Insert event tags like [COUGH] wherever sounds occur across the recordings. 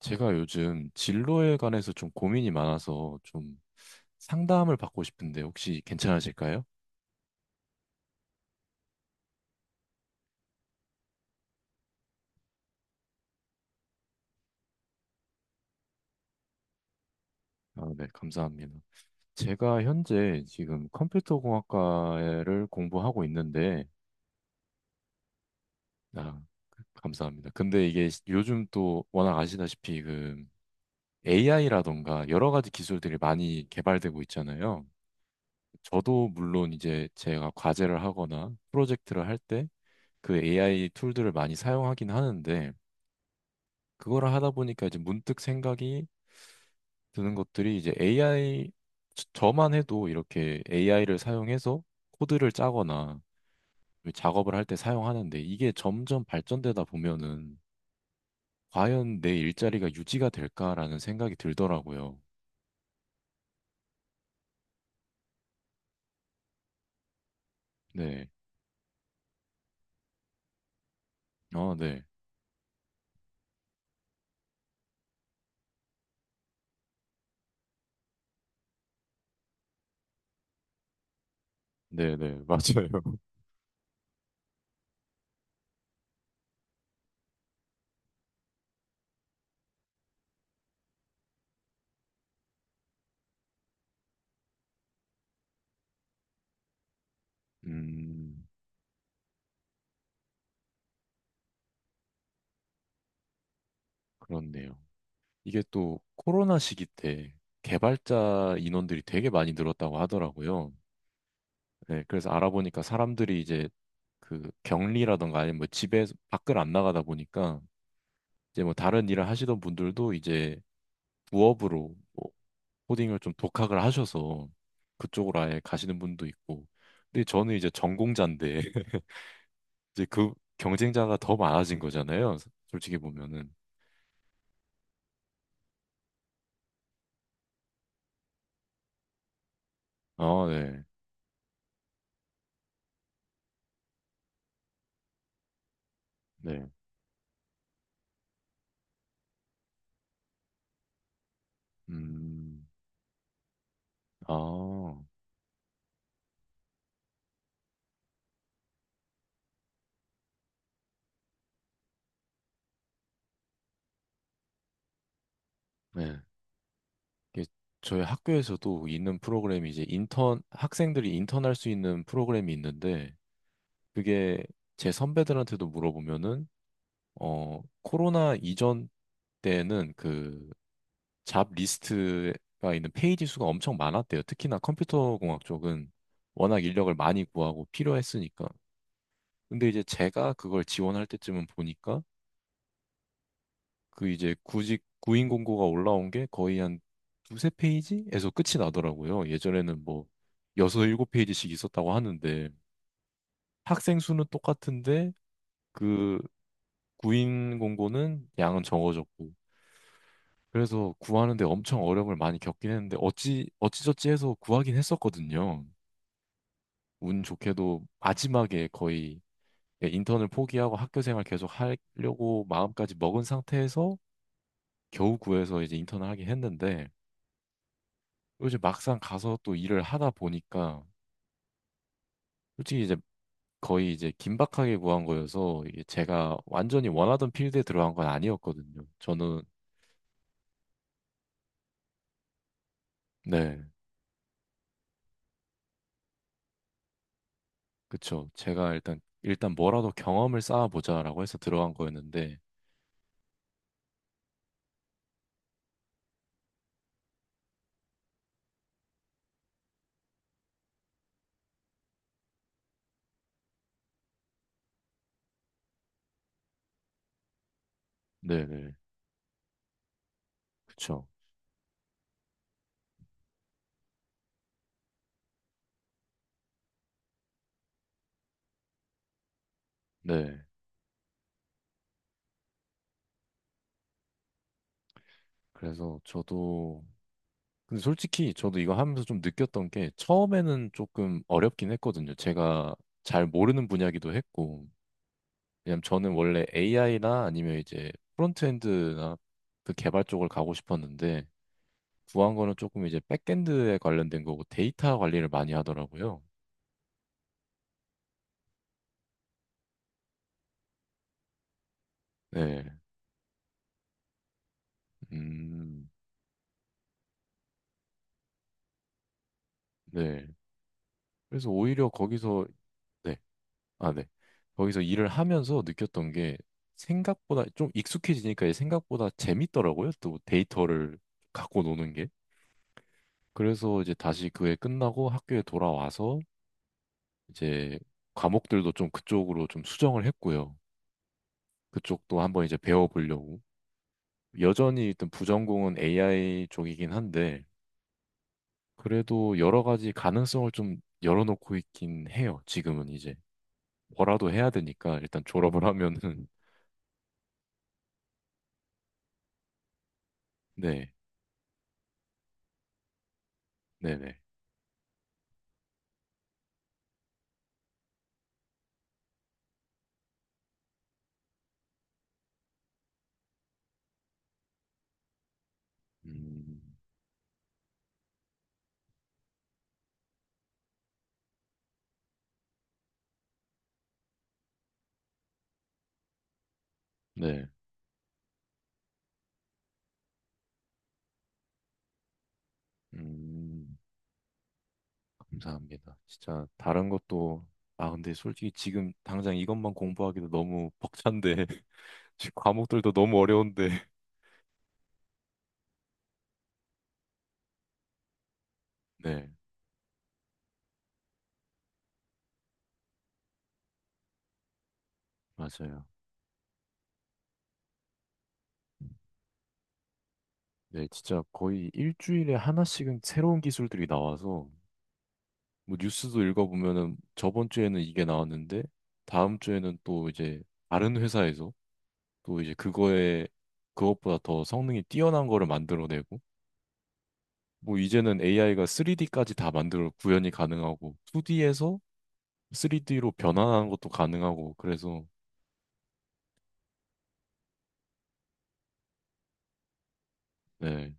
제가 요즘 진로에 관해서 좀 고민이 많아서 좀 상담을 받고 싶은데 혹시 괜찮으실까요? 아, 네, 감사합니다. 제가 현재 지금 컴퓨터공학과를 공부하고 있는데, 아, 그, 감사합니다. 근데 이게 요즘 또 워낙 아시다시피 그 AI라던가 여러 가지 기술들이 많이 개발되고 있잖아요. 저도 물론 이제 제가 과제를 하거나 프로젝트를 할 때 그 AI 툴들을 많이 사용하긴 하는데, 그거를 하다 보니까 이제 문득 생각이 드는 것들이 이제 AI 저만 해도 이렇게 AI를 사용해서 코드를 짜거나 작업을 할 때 사용하는데 이게 점점 발전되다 보면은 과연 내 일자리가 유지가 될까라는 생각이 들더라고요. 네. 아, 네. 네, 네. 맞아요. [LAUGHS] 음, 그렇네요. 이게 또 코로나 시기 때 개발자 인원들이 되게 많이 늘었다고 하더라고요. 네, 그래서 알아보니까 사람들이 이제 그 격리라던가 아니면 뭐 집에 밖을 안 나가다 보니까 이제 뭐 다른 일을 하시던 분들도 이제 부업으로 뭐 코딩을 좀 독학을 하셔서 그쪽으로 아예 가시는 분도 있고. 근데 저는 이제 전공자인데 [LAUGHS] 이제 그 경쟁자가 더 많아진 거잖아요. 솔직히 보면은. 아, 네. 네. 음. 아, 네. 이게 저희 학교에서도 있는 프로그램이 이제 인턴 학생들이 인턴할 수 있는 프로그램이 있는데 그게 제 선배들한테도 물어보면은 코로나 이전 때는 그 잡 리스트가 있는 페이지 수가 엄청 많았대요. 특히나 컴퓨터공학 쪽은 워낙 인력을 많이 구하고 필요했으니까. 근데 이제 제가 그걸 지원할 때쯤은 보니까 그 이제 구직 구인 공고가 올라온 게 거의 한 두세 페이지에서 끝이 나더라고요. 예전에는 뭐 6~7 페이지씩 있었다고 하는데 학생 수는 똑같은데 그 구인 공고는 양은 적어졌고 그래서 구하는데 엄청 어려움을 많이 겪긴 했는데 어찌저찌 해서 구하긴 했었거든요. 운 좋게도 마지막에 거의 예, 인턴을 포기하고 학교 생활 계속 하려고 마음까지 먹은 상태에서 겨우 구해서 이제 인턴을 하긴 했는데 이제 막상 가서 또 일을 하다 보니까 솔직히 이제 거의 이제 긴박하게 구한 거여서 이게 제가 완전히 원하던 필드에 들어간 건 아니었거든요. 저는 네. 그쵸. 제가 일단 뭐라도 경험을 쌓아보자라고 해서 들어간 거였는데, 네네. 그쵸. 네. 그래서 저도, 근데 솔직히 저도 이거 하면서 좀 느꼈던 게, 처음에는 조금 어렵긴 했거든요. 제가 잘 모르는 분야기도 했고, 왜냐면 저는 원래 AI나 아니면 이제 프론트엔드나 그 개발 쪽을 가고 싶었는데, 구한 거는 조금 이제 백엔드에 관련된 거고, 데이터 관리를 많이 하더라고요. 네. 음, 네. 그래서 오히려 거기서 네. 아, 네. 거기서 일을 하면서 느꼈던 게 생각보다 좀 익숙해지니까 이게 생각보다 재밌더라고요. 또 데이터를 갖고 노는 게. 그래서 이제 다시 그해 끝나고 학교에 돌아와서 이제 과목들도 좀 그쪽으로 좀 수정을 했고요. 그쪽도 한번 이제 배워보려고. 여전히 일단 부전공은 AI 쪽이긴 한데 그래도 여러 가지 가능성을 좀 열어놓고 있긴 해요. 지금은 이제 뭐라도 해야 되니까 일단 졸업을 하면은 [LAUGHS] 네, 네네. 음, 네. 음, 감사합니다. 진짜 다른 것도 아 근데 솔직히 지금 당장 이것만 공부하기도 너무 벅찬데 [LAUGHS] 지금 과목들도 너무 어려운데 [LAUGHS] 네 맞아요. 네 진짜 거의 일주일에 하나씩은 새로운 기술들이 나와서 뭐 뉴스도 읽어보면은 저번 주에는 이게 나왔는데 다음 주에는 또 이제 다른 회사에서 또 이제 그거에 그것보다 더 성능이 뛰어난 거를 만들어내고 뭐 이제는 AI가 3D까지 다 만들어 구현이 가능하고 2D에서 3D로 변환하는 것도 가능하고 그래서 네.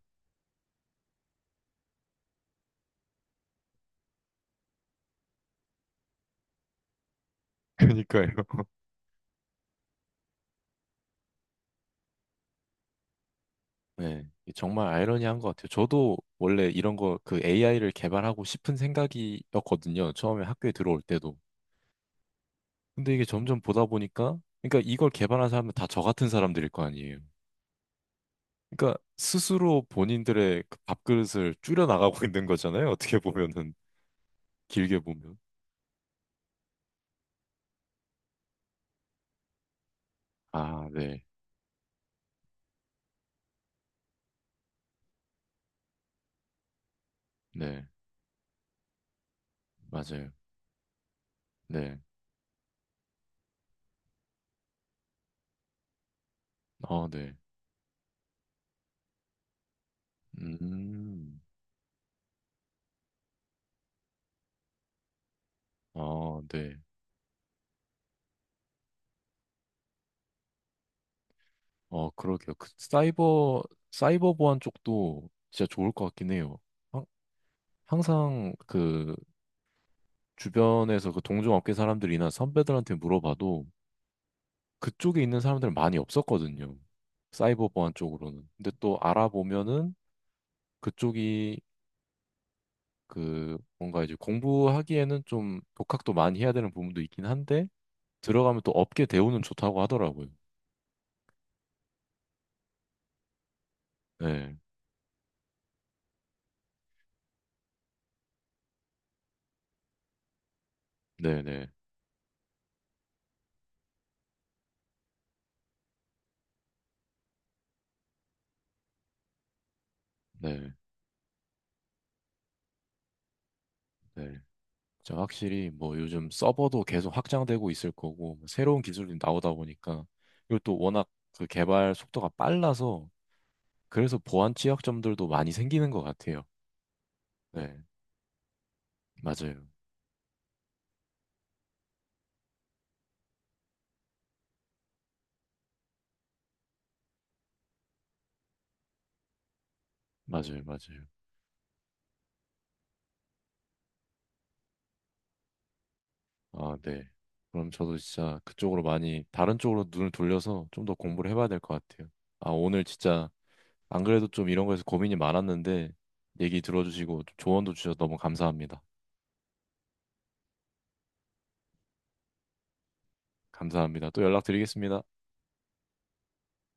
그니까요. [LAUGHS] 네, 정말 아이러니한 것 같아요. 저도 원래 이런 거 그 AI를 개발하고 싶은 생각이었거든요. 처음에 학교에 들어올 때도. 근데 이게 점점 보다 보니까, 그러니까 이걸 개발한 사람은 다 저 같은 사람들일 거 아니에요. 그러니까 스스로 본인들의 그 밥그릇을 줄여 나가고 [LAUGHS] 있는 거잖아요. 어떻게 보면은 길게 보면. 아, 네, 네, 맞아요. 네. 아, 네. 음. 아, 네. 어, 그러게요. 그 사이버 보안 쪽도 진짜 좋을 것 같긴 해요. 항- 항상 그 주변에서 그 동종업계 사람들이나 선배들한테 물어봐도 그쪽에 있는 사람들은 많이 없었거든요. 사이버 보안 쪽으로는. 근데 또 알아보면은 그쪽이 그 뭔가 이제 공부하기에는 좀 독학도 많이 해야 되는 부분도 있긴 한데 들어가면 또 업계 대우는 좋다고 하더라고요. 네. 네, 네. 네. 네. 자, 확실히 뭐 요즘 서버도 계속 확장되고 있을 거고 뭐 새로운 기술이 나오다 보니까 이것또 워낙 그 개발 속도가 빨라서 그래서 보안 취약점들도 많이 생기는 것 같아요. 네, 맞아요, 맞아요, 맞아요. 아, 네. 그럼 저도 진짜 그쪽으로 많이 다른 쪽으로 눈을 돌려서 좀 더 공부를 해봐야 될 것 같아요. 아, 오늘 진짜 안 그래도 좀 이런 거에서 고민이 많았는데 얘기 들어주시고 조언도 주셔서 너무 감사합니다. 감사합니다. 또 연락드리겠습니다.